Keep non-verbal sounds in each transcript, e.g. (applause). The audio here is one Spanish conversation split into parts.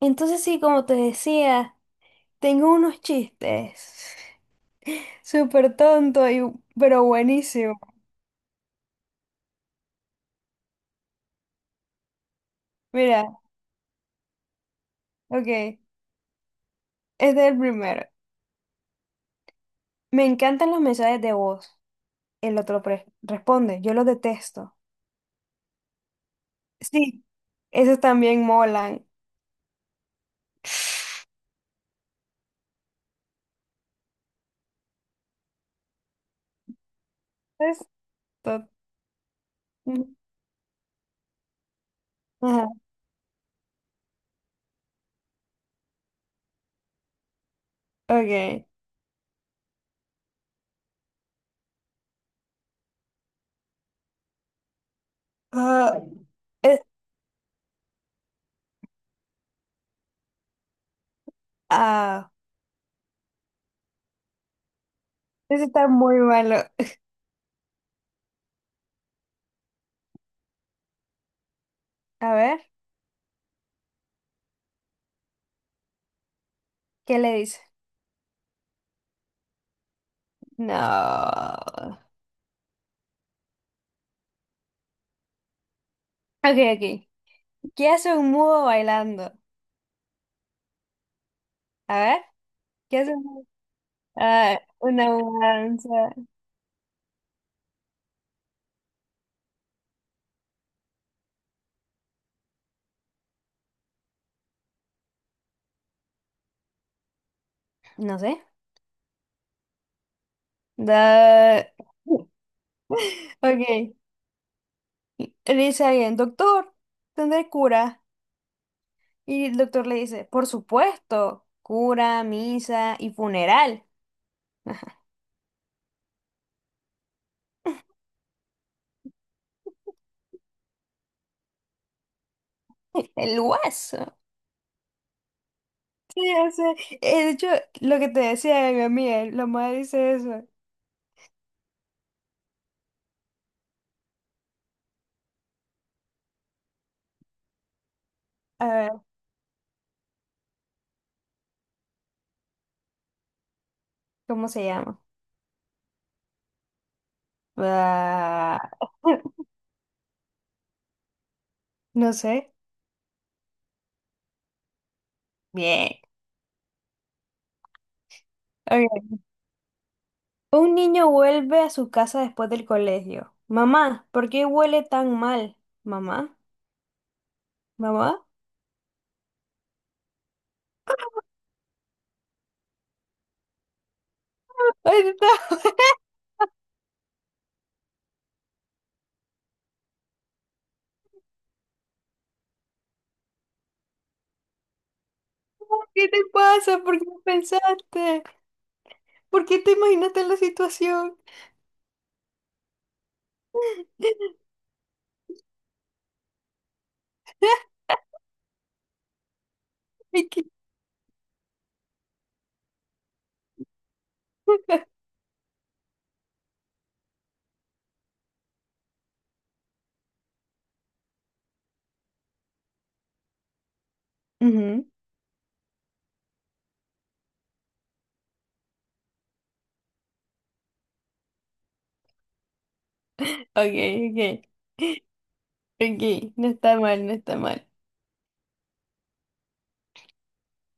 Entonces sí, como te decía, tengo unos chistes (laughs) súper tonto y, pero buenísimo. Mira, ok, este es el primero. Me encantan los mensajes de voz. El otro responde, yo los detesto. Sí, esos también molan. Esto. Ajá, ok. Ah, es- ah, ese está muy malo. A ver, ¿qué le dice? No. Ok, ok. ¿Qué hace un mudo bailando? A ver. ¿Qué es una, ah, ¿Una mudanza? No sé. Da... Ok. Le dice alguien, doctor, ¿tendré cura? Y el doctor le dice, por supuesto, cura, misa y funeral. (laughs) El hueso. Sí, o sea, de hecho, lo que te decía de mi amiga, la madre dice eso. A ver, ¿cómo se llama? Ah, (laughs) no sé. Bien. Ok. Un niño vuelve a su casa después del colegio. Mamá, ¿por qué huele tan mal? Mamá, mamá. Ay, está. (laughs) ¿Qué te pasa? ¿Por qué no pensaste? ¿Por qué te imaginaste la situación? (laughs) Ay, qué- Ujú. Ok, ok. Ok, no está mal, no está mal.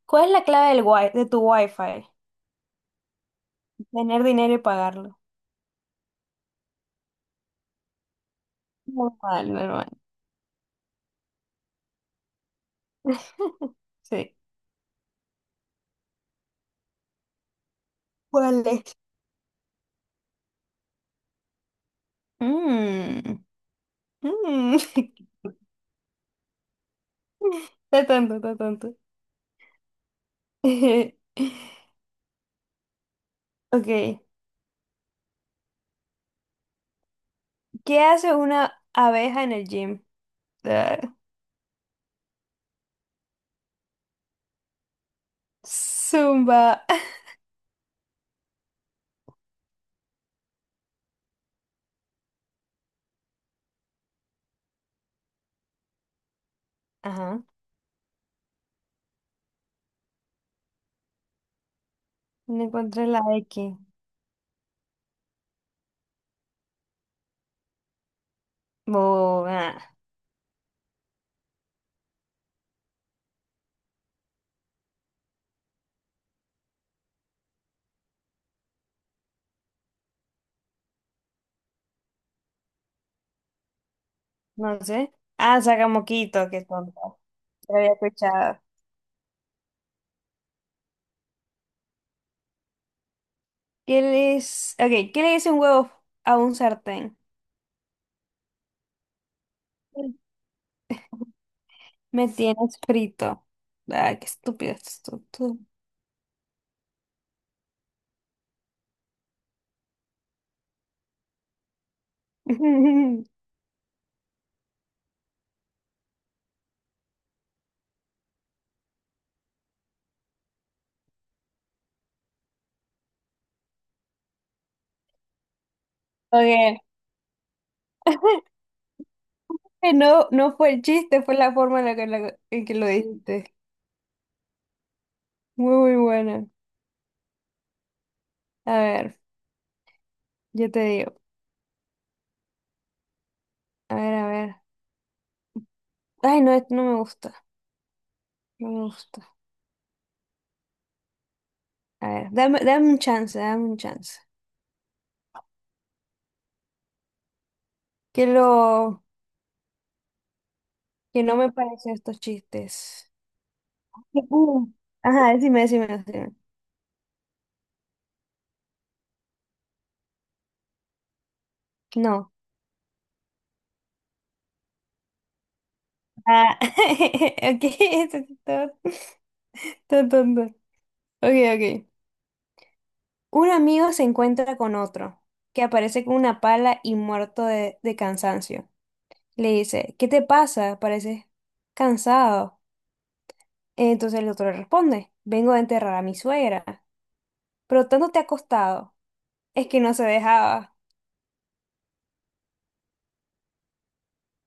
¿Cuál es la clave de tu wifi? Tener dinero y pagarlo. Normal, normal. (laughs) Sí. ¿Cuál es? Mmm. Mmm. (laughs) Está tonto, está tonto. (laughs) Ok. ¿Qué hace una abeja en el gym? Ah, Zumba. (laughs) Ajá. No encontré la X. Bo- ah, no sé. Ah, saca moquito, qué tonto. Lo había escuchado. Ok, ¿qué le dice un huevo a un sartén? Me tienes frito. Ah, qué estúpido esto. Tú. (laughs) Ok. No, no fue el chiste, fue la forma en la en que lo dijiste. Muy, muy bueno. A ver. Yo te digo, a ver, a ver. Ay, no, esto no me gusta, no me gusta. A ver, dame un chance, dame un chance. Que lo, que no me parecen estos chistes. (laughs) Uh, ajá, decime. No. Ah, (laughs) ok, esto sí está tonto. Ok, ok. Un amigo se encuentra con otro, que aparece con una pala y muerto de cansancio. Le dice, ¿qué te pasa? Pareces cansado. Entonces el otro le responde, vengo a enterrar a mi suegra, pero tanto te ha costado, es que no se dejaba.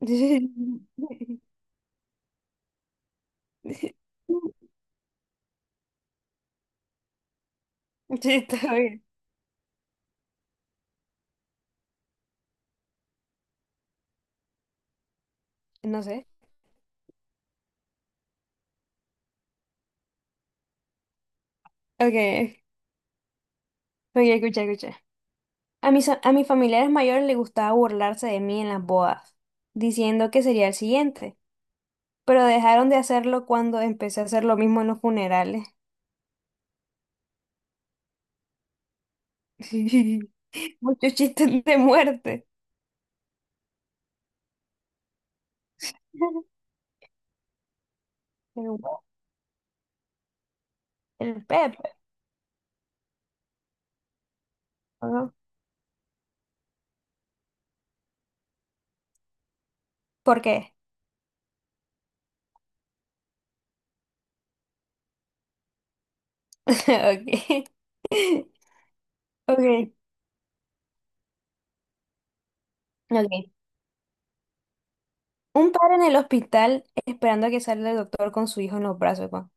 (laughs) Sí, está bien. No sé. Ok, ok, escucha, escucha. A mis familiares mayores les gustaba burlarse de mí en las bodas, diciendo que sería el siguiente, pero dejaron de hacerlo cuando empecé a hacer lo mismo en los funerales. (laughs) Muchos chistes de muerte. (laughs) El Pepe, ¿no? ¿Por qué? (laughs) Ok. (laughs) Okay. Ok. Un padre en el hospital esperando a que salga el doctor con su hijo en los brazos. Juan.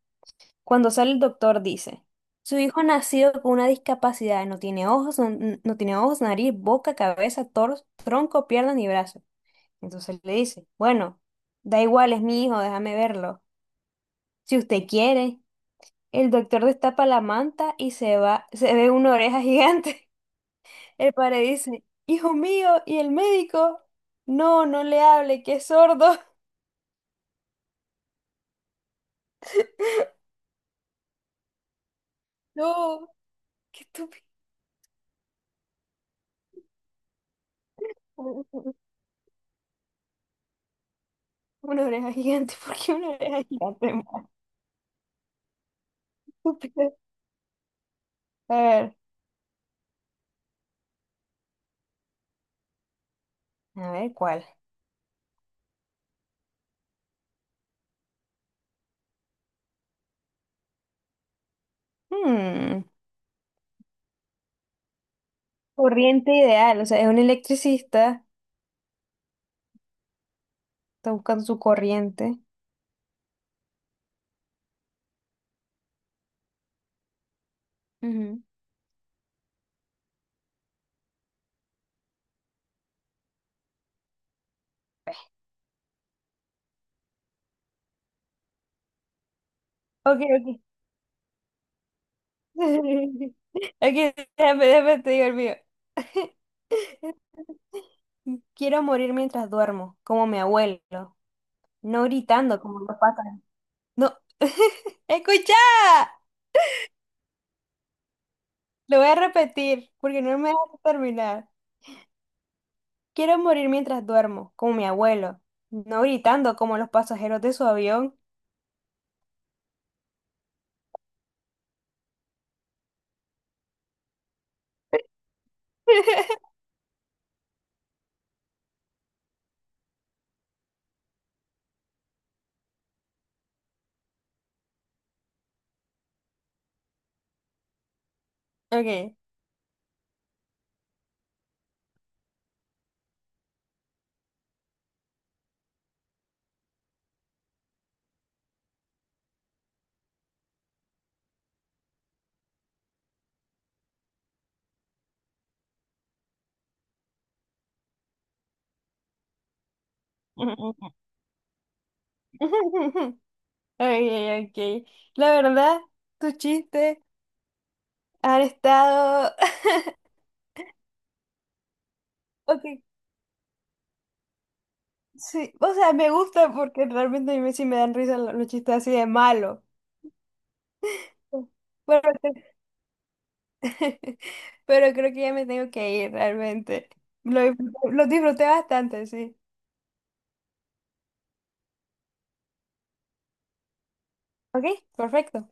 Cuando sale el doctor dice, su hijo ha nacido con una discapacidad, no tiene ojos, nariz, boca, cabeza, torso, tronco, pierna ni brazo. Entonces le dice, bueno, da igual, es mi hijo, déjame verlo. Si usted quiere, el doctor destapa la manta y se va, se ve una oreja gigante. El padre dice, hijo mío, ¿y el médico? No, no le hable, que es sordo. (laughs) No, qué estúpido. Una oreja gigante, (laughs) ¿por qué una oreja gigante? Más estúpido. A ver, a ver cuál. Hmm, corriente ideal, o sea, es un electricista, está buscando su corriente. Ujú. Ok. (laughs) Aquí, déjame, te digo el mío. (laughs) Quiero morir mientras duermo, como mi abuelo. No gritando como los pájaros. No, escucha, lo voy a repetir porque no me dejas terminar. Quiero morir mientras duermo, como mi abuelo. No gritando como los pasajeros de su avión. (laughs) Ok. (laughs) Okay, okay. La verdad, tus chistes han estado. (laughs) Ok, sí. O sea, me gusta porque realmente a mí sí me dan risa los chistes así de malo. Bueno, (laughs) pero creo que ya me tengo que ir realmente. Lo disfruté bastante, sí. Ok, perfecto.